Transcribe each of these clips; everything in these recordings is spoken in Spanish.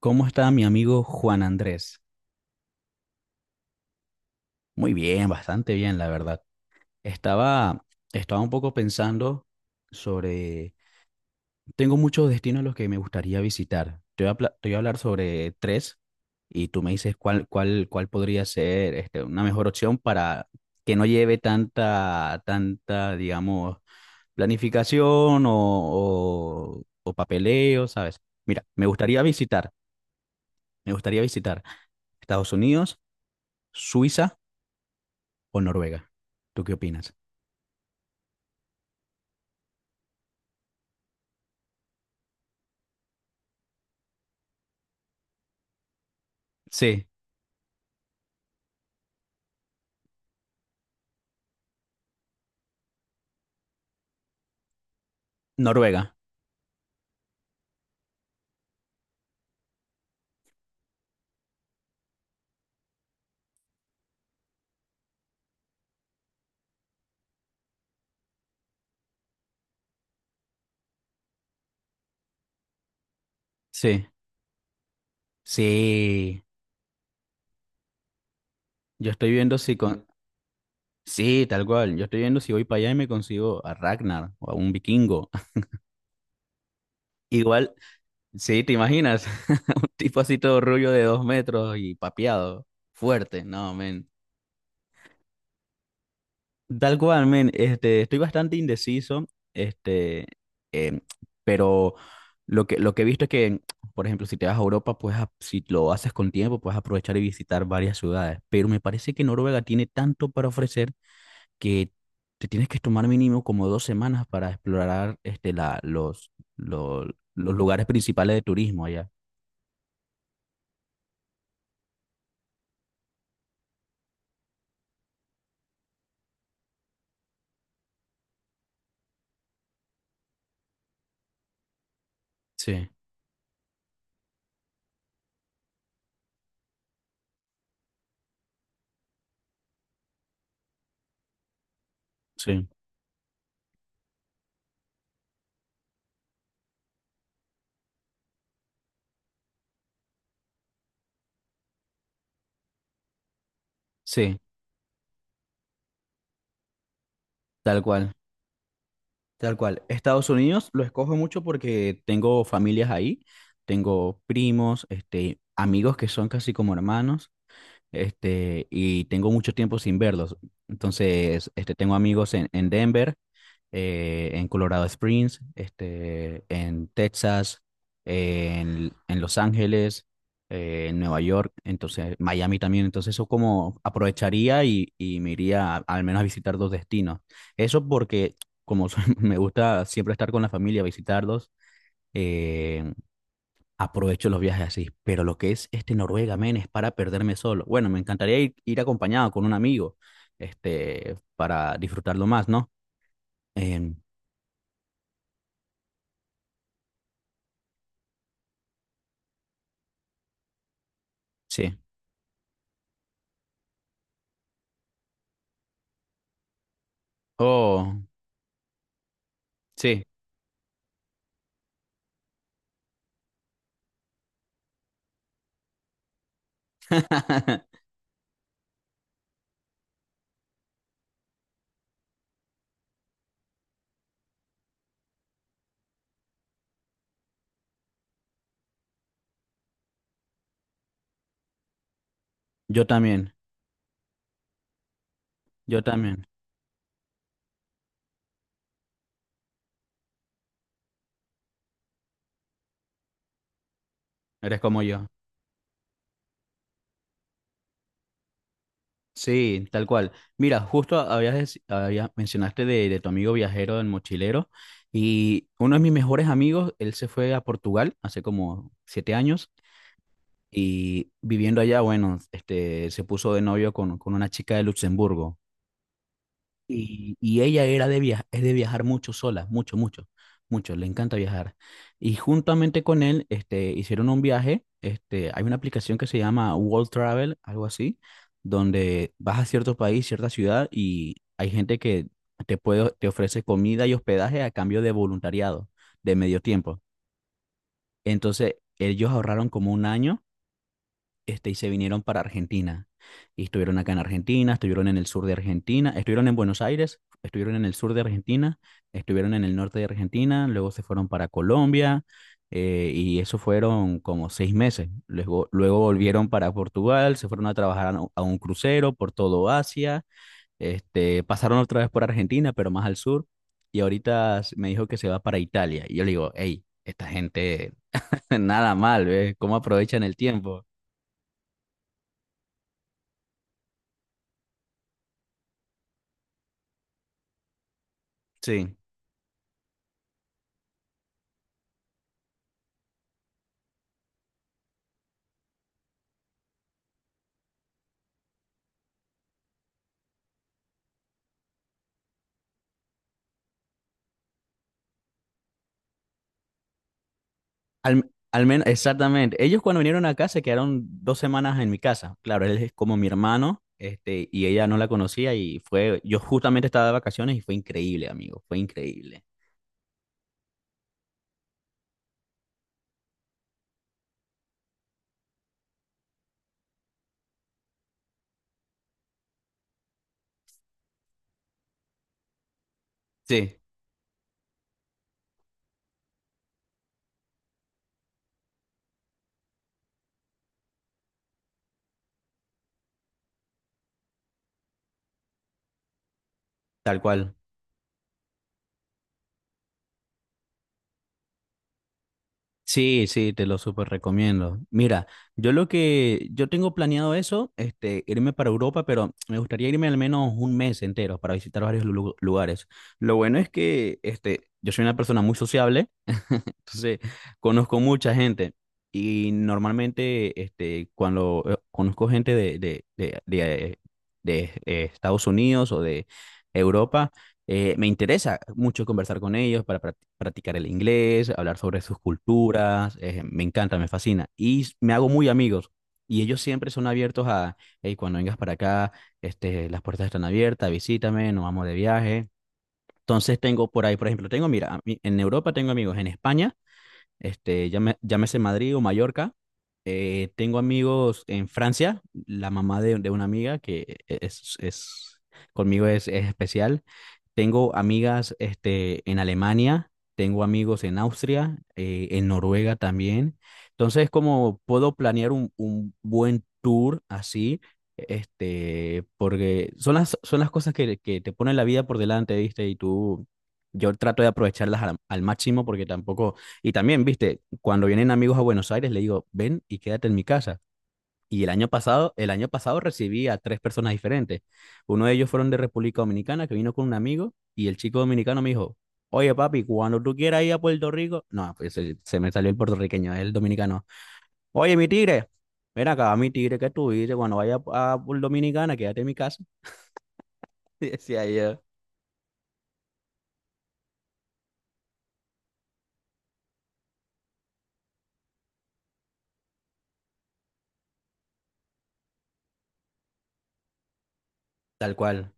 ¿Cómo está mi amigo Juan Andrés? Muy bien, bastante bien, la verdad. Estaba, Estaba un poco pensando sobre. Tengo muchos destinos a los que me gustaría visitar. Te voy a hablar sobre tres y tú me dices cuál podría ser una mejor opción para que no lleve tanta, digamos, planificación o papeleo, ¿sabes? Mira, me gustaría visitar ¿Estados Unidos, Suiza o Noruega? ¿Tú qué opinas? Sí, Noruega. Sí, sí. Yo estoy viendo si con. Sí, tal cual. Yo estoy viendo si voy para allá y me consigo a Ragnar o a un vikingo. Igual, sí, ¿te imaginas? Un tipo así todo rubio de 2 metros y papeado, fuerte. No, men. Tal cual, men, estoy bastante indeciso, este, em, pero lo que he visto es que, por ejemplo, si te vas a Europa, pues si lo haces con tiempo, puedes aprovechar y visitar varias ciudades, pero me parece que Noruega tiene tanto para ofrecer que te tienes que tomar mínimo como 2 semanas para explorar lo- los lugares principales de turismo allá. Sí, sí, sí, tal cual. Tal cual. Estados Unidos lo escojo mucho porque tengo familias ahí, tengo primos, amigos que son casi como hermanos, y tengo mucho tiempo sin verlos. Entonces, tengo amigos en Denver, en Colorado Springs, en Texas, en Los Ángeles, en Nueva York, entonces Miami también. Entonces, eso como aprovecharía y me iría al menos a visitar dos destinos. Eso porque, me gusta siempre estar con la familia, visitarlos. eh, Aprovecho los viajes así. Pero lo que es Noruega, men, es para perderme solo. Bueno, me encantaría ir acompañado con un amigo, para disfrutarlo más, ¿no? Em, sí. Oh, sí. Yo también, yo también. Eres como yo. Sí, tal cual. Mira, justo mencionaste de tu amigo viajero, el mochilero, y uno de mis mejores amigos, él se fue a Portugal hace como 7 años. Y viviendo allá, bueno, se puso de novio con una chica de Luxemburgo. Y ella era de viajar, es de viajar mucho sola, mucho, mucho, mucho, le encanta viajar. Y juntamente con él, hicieron un viaje. Hay una aplicación que se llama World Travel, algo así, donde vas a cierto país, cierta ciudad y hay gente que te ofrece comida y hospedaje a cambio de voluntariado, de medio tiempo. Entonces, ellos ahorraron como un año, y se vinieron para Argentina. Y estuvieron acá en Argentina, estuvieron en el sur de Argentina, estuvieron en Buenos Aires, estuvieron en el sur de Argentina, estuvieron en el norte de Argentina, luego se fueron para Colombia. Y eso fueron como 6 meses. Luego volvieron para Portugal, se fueron a trabajar a un crucero por todo Asia. Pasaron otra vez por Argentina, pero más al sur, y ahorita me dijo que se va para Italia. Y yo le digo, hey, esta gente, nada mal, ¿ves? ¿Cómo aprovechan el tiempo? Sí. Al menos, exactamente. Ellos cuando vinieron acá se quedaron 2 semanas en mi casa. Claro, él es como mi hermano, y ella no la conocía y fue, yo justamente estaba de vacaciones y fue increíble, amigo, fue increíble. Sí, tal cual. Sí, sí, te lo súper recomiendo. Mira, yo tengo planeado eso, irme para Europa, pero me gustaría irme al menos un mes entero para visitar varios lugares. Lo bueno es que, yo soy una persona muy sociable. Entonces, conozco mucha gente y normalmente, cuando conozco gente Estados Unidos o de Europa, me interesa mucho conversar con ellos para practicar el inglés, hablar sobre sus culturas. Me encanta, me fascina y me hago muy amigos. Y ellos siempre son abiertos a, hey, cuando vengas para acá, las puertas están abiertas, visítame, nos vamos de viaje. Entonces tengo por ahí, por ejemplo, tengo, mira, en Europa tengo amigos, en España, llámese Madrid o Mallorca. Tengo amigos en Francia, la mamá de una amiga que es conmigo, es especial. Tengo amigas, en Alemania, tengo amigos en Austria, en Noruega también. Entonces, como puedo planear un buen tour así, porque son las cosas que te ponen la vida por delante, ¿viste? Y tú, yo trato de aprovecharlas al máximo porque tampoco. Y también, viste, cuando vienen amigos a Buenos Aires, le digo, ven y quédate en mi casa. El año pasado recibí a tres personas diferentes. Uno de ellos fueron de República Dominicana, que vino con un amigo, y el chico dominicano me dijo, oye papi, cuando tú quieras ir a Puerto Rico, no, pues se me salió el puertorriqueño, el dominicano. Oye, mi tigre, ven acá, mi tigre, ¿que tú dices? Cuando vaya a Puerto Dominicana, quédate en mi casa. Y decía yo, tal cual.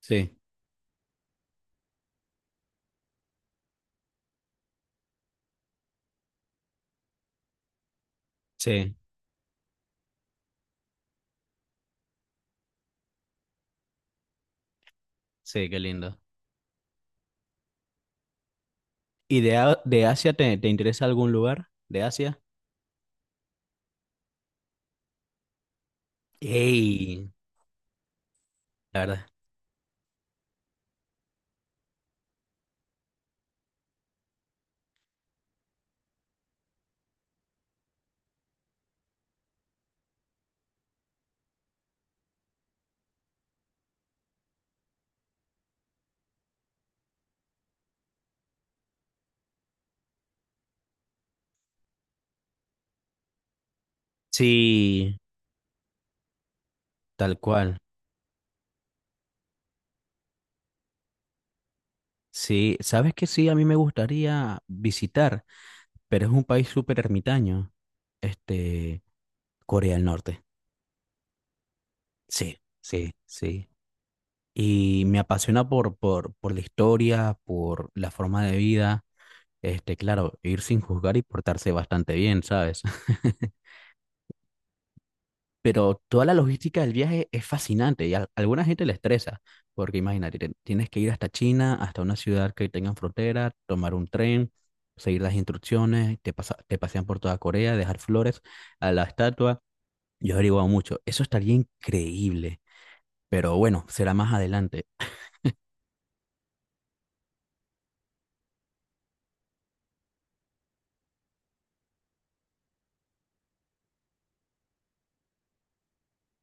Sí, sí, sí, qué lindo. ¿Y de Asia te interesa algún lugar? ¿De Asia? Ey, la verdad. Sí, tal cual. Sí, sabes que sí, a mí me gustaría visitar, pero es un país súper ermitaño, este, Corea del Norte. Sí, sí, sí. Y me apasiona por la historia, por la forma de vida. Claro, ir sin juzgar y portarse bastante bien, ¿sabes? Pero toda la logística del viaje es fascinante y a alguna gente le estresa, porque imagínate, tienes que ir hasta China, hasta una ciudad que tengan frontera, tomar un tren, seguir las instrucciones, te pasean por toda Corea, dejar flores a la estatua. Yo he averiguado mucho, eso estaría increíble, pero bueno, será más adelante,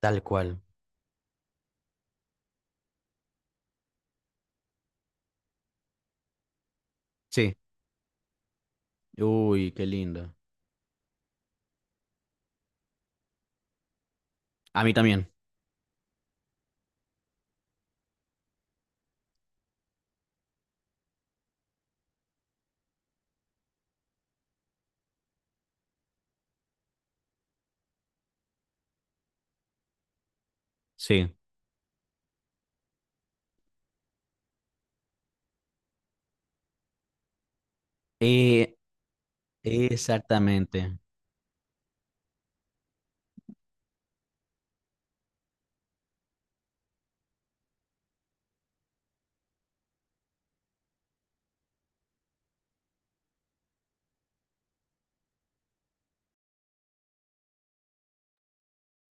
tal cual. Sí, uy, qué lindo. A mí también, sí. Eh, Exactamente.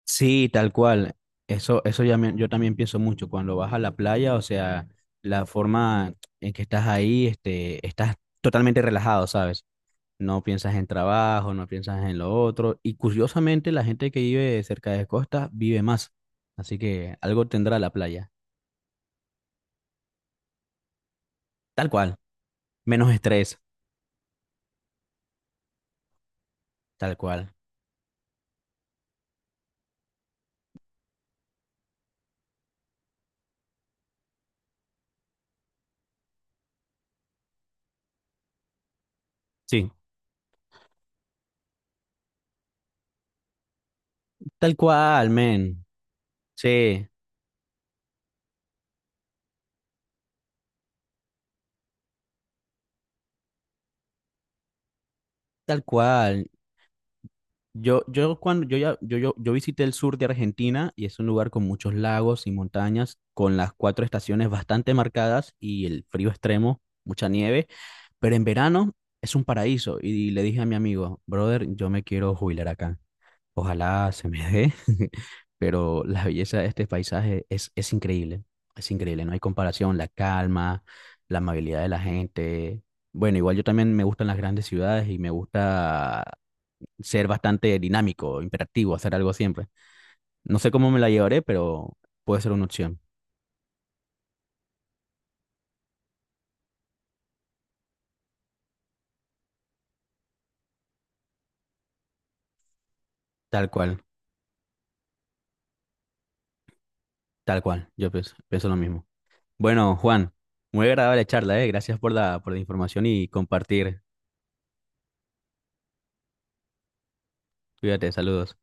Sí, tal cual. Eso ya yo también pienso mucho. Cuando vas a la playa, o sea, la forma en que estás ahí, estás totalmente relajado, ¿sabes? No piensas en trabajo, no piensas en lo otro. Y curiosamente, la gente que vive cerca de costa vive más. Así que algo tendrá la playa. Tal cual. Menos estrés. Tal cual. Sí. Tal cual, men. Sí, tal cual. Yo cuando yo ya Yo visité el sur de Argentina y es un lugar con muchos lagos y montañas, con las cuatro estaciones bastante marcadas y el frío extremo, mucha nieve, pero en verano es un paraíso. Y le dije a mi amigo, brother, yo me quiero jubilar acá. Ojalá se me dé. Pero la belleza de este paisaje es increíble, no hay comparación, la calma, la amabilidad de la gente. Bueno, igual yo también me gustan las grandes ciudades y me gusta ser bastante dinámico, imperativo, hacer algo siempre. No sé cómo me la llevaré, pero puede ser una opción. Tal cual, tal cual. Yo pienso lo mismo. Bueno, Juan, muy agradable charla, ¿eh? Gracias por la información y compartir. Cuídate, saludos.